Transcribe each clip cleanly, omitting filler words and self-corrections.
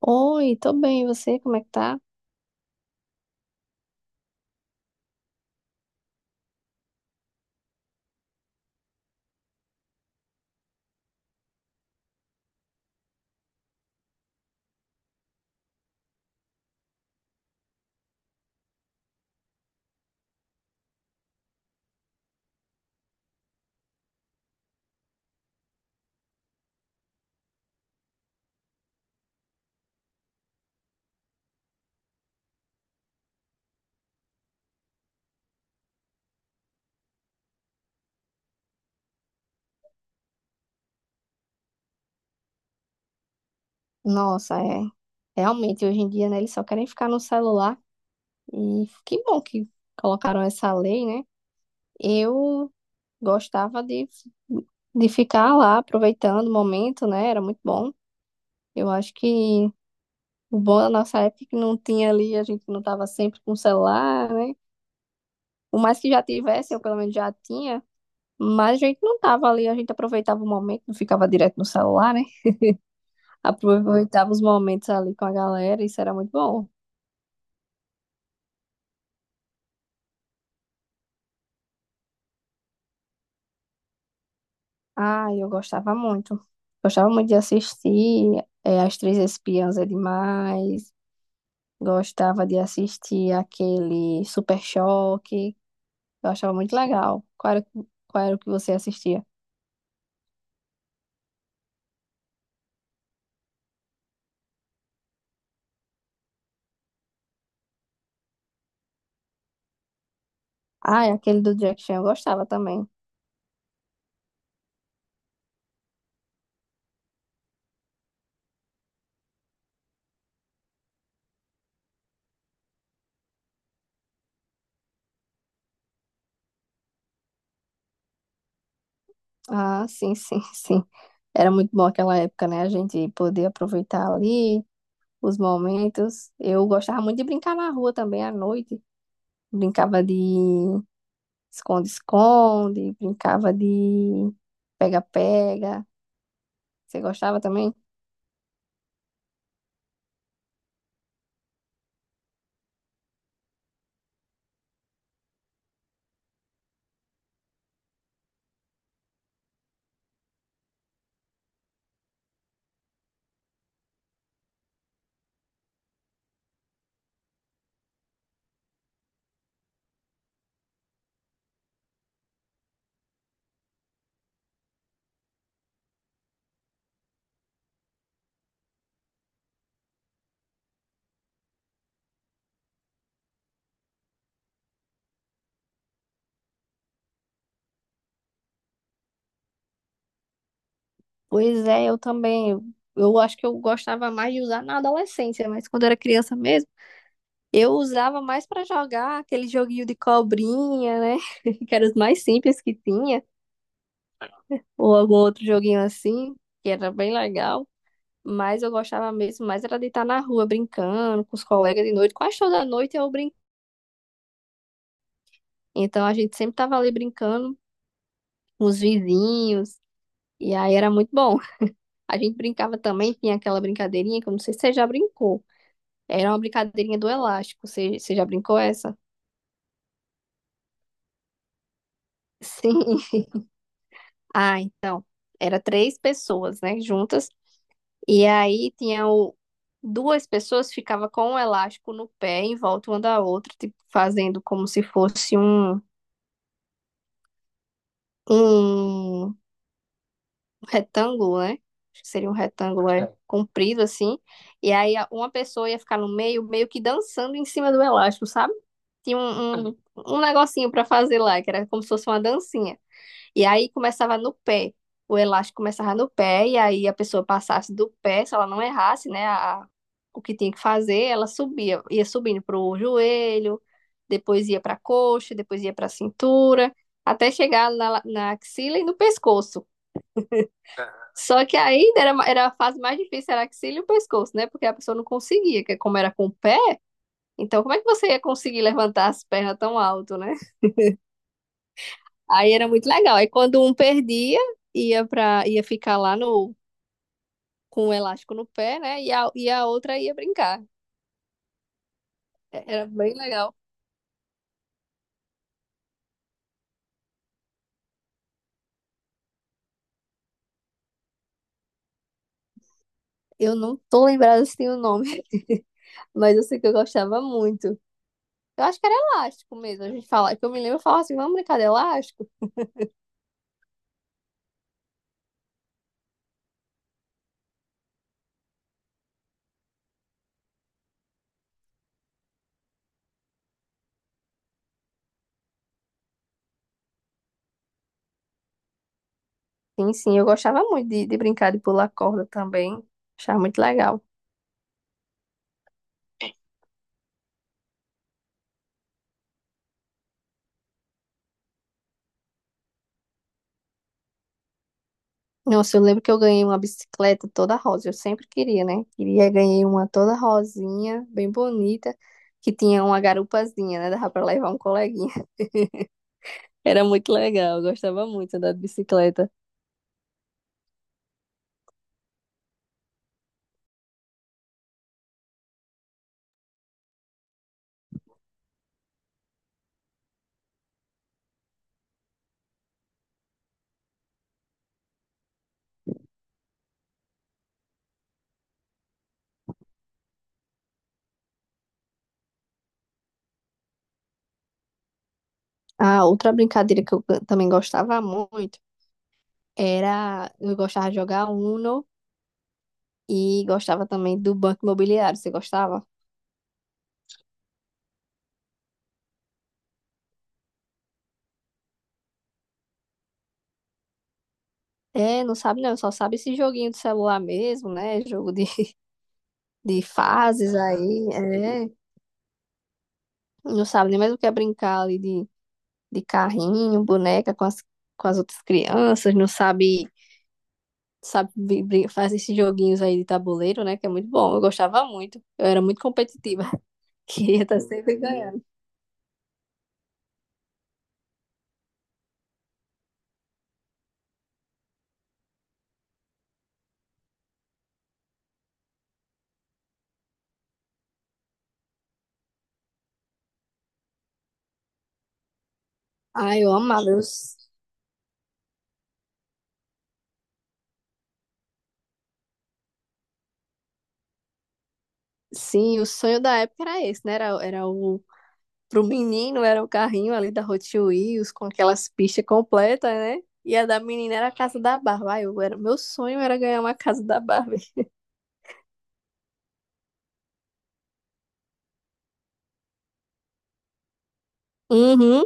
Oi, tô bem, e você, como é que tá? Nossa, é. Realmente, hoje em dia, né, eles só querem ficar no celular. E que bom que colocaram essa lei, né? Eu gostava de ficar lá aproveitando o momento, né? Era muito bom. Eu acho que o bom da nossa época é que não tinha ali, a gente não tava sempre com o celular, né? O mais que já tivesse, eu pelo menos já tinha. Mas a gente não tava ali, a gente aproveitava o momento, não ficava direto no celular, né? Aproveitava os momentos ali com a galera, isso era muito bom. Ah, eu gostava muito. Gostava muito de assistir é, As Três Espiãs é demais. Gostava de assistir aquele Super Choque. Eu achava muito legal. Qual era o que você assistia? Ah, e aquele do Jack Chan eu gostava também. Ah, sim, sim, sim. Era muito bom aquela época, né? A gente poder aproveitar ali os momentos. Eu gostava muito de brincar na rua também à noite. Brincava de esconde-esconde, brincava de pega-pega. Você gostava também? Pois é, eu também. Eu acho que eu gostava mais de usar na adolescência, mas quando era criança mesmo, eu usava mais pra jogar aquele joguinho de cobrinha, né? Que era os mais simples que tinha, ou algum outro joguinho assim, que era bem legal. Mas eu gostava mesmo mais era de estar na rua brincando com os colegas de noite. Quase toda noite eu brincava. Então a gente sempre tava ali brincando com os vizinhos. E aí era muito bom. A gente brincava também, tinha aquela brincadeirinha que eu não sei se você já brincou. Era uma brincadeirinha do elástico. Você já brincou essa? Sim. Ah, então. Era três pessoas, né, juntas. E aí tinha o... duas pessoas ficava com o elástico no pé em volta uma da outra, tipo, fazendo como se fosse um um retângulo, né? Acho que seria um retângulo é, é comprido assim. E aí uma pessoa ia ficar no meio, meio que dançando em cima do elástico, sabe? Tinha um negocinho pra fazer lá, que era como se fosse uma dancinha. E aí começava no pé. O elástico começava no pé, e aí a pessoa passasse do pé, se ela não errasse, né? A, o que tinha que fazer, ela subia, ia subindo pro joelho, depois ia pra coxa, depois ia pra cintura, até chegar na, na axila e no pescoço. Só que ainda era a fase mais difícil, era a axila e o pescoço, né? Porque a pessoa não conseguia, que como era com o pé, então como é que você ia conseguir levantar as pernas tão alto, né? Aí era muito legal. Aí quando um perdia, ia ficar lá no com o elástico no pé, né? E a outra ia brincar. Era bem legal. Eu não tô lembrada se tem o nome, mas eu sei que eu gostava muito. Eu acho que era elástico mesmo. A gente falava que eu me lembro, eu falava assim, vamos brincar de elástico? Sim, sim, eu gostava muito de brincar de pular corda também. Achava muito legal. Nossa, eu lembro que eu ganhei uma bicicleta toda rosa. Eu sempre queria, né? Queria, ganhei uma toda rosinha, bem bonita, que tinha uma garupazinha, né? Dava pra levar um coleguinha. Era muito legal, eu gostava muito de andar de bicicleta. Ah, outra brincadeira que eu também gostava muito era... Eu gostava de jogar Uno e gostava também do Banco Imobiliário. Você gostava? É, não sabe não, só sabe esse joguinho do celular mesmo, né? Jogo de fases aí, é, não sabe nem mais o que é brincar ali de carrinho, boneca com as outras crianças, não sabe, sabe fazer esses joguinhos aí de tabuleiro, né, que é muito bom, eu gostava muito, eu era muito competitiva, queria estar sempre ganhando. Ai, eu amava, sim, o sonho da época era esse, né, era, era o, pro menino era o carrinho ali da Hot Wheels, com aquelas pistas completas, né. E a da menina era a casa da Barbie. Ai, eu era, meu sonho era ganhar uma casa da Barbie. Uhum.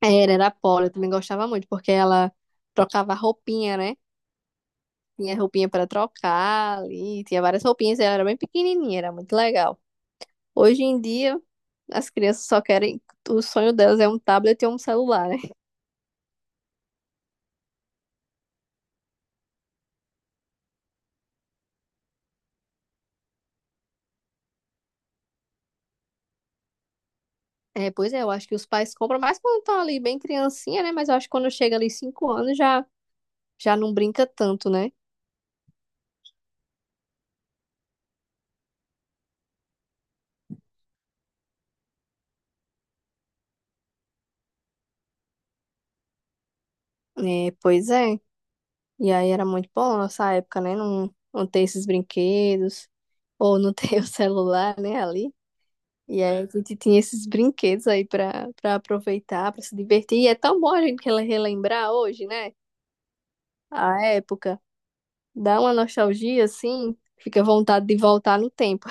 Era, era polo, eu também gostava muito, porque ela trocava roupinha, né? Tinha roupinha para trocar ali, tinha várias roupinhas, e ela era bem pequenininha, era muito legal. Hoje em dia, as crianças só querem, o sonho delas é um tablet e um celular, né? É, pois é, eu acho que os pais compram mais quando estão ali bem criancinha, né? Mas eu acho que quando chega ali 5 anos já, já não brinca tanto, né? É, pois é. E aí era muito bom nossa época, né? Não ter esses brinquedos, ou não ter o celular, né? E aí a gente tinha esses brinquedos aí pra, pra aproveitar, pra se divertir. E é tão bom a gente relembrar hoje, né? A época. Dá uma nostalgia, assim, fica vontade de voltar no tempo.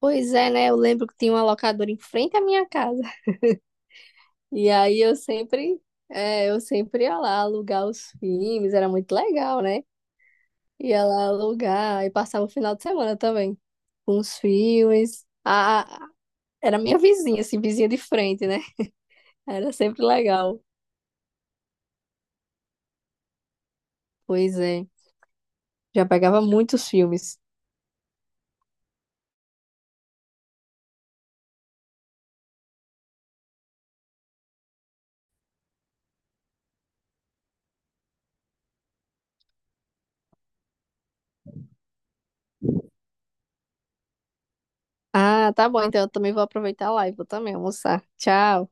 Pois é, né? Eu lembro que tinha uma locadora em frente à minha casa. E aí eu sempre, é, eu sempre ia lá alugar os filmes, era muito legal, né? Ia lá alugar e passava o final de semana também com os filmes. Era minha vizinha, assim, vizinha de frente, né? Era sempre legal. Pois é. Já pegava muitos filmes. Ah, tá bom. Então eu também vou aproveitar a live. Vou também almoçar. Tchau.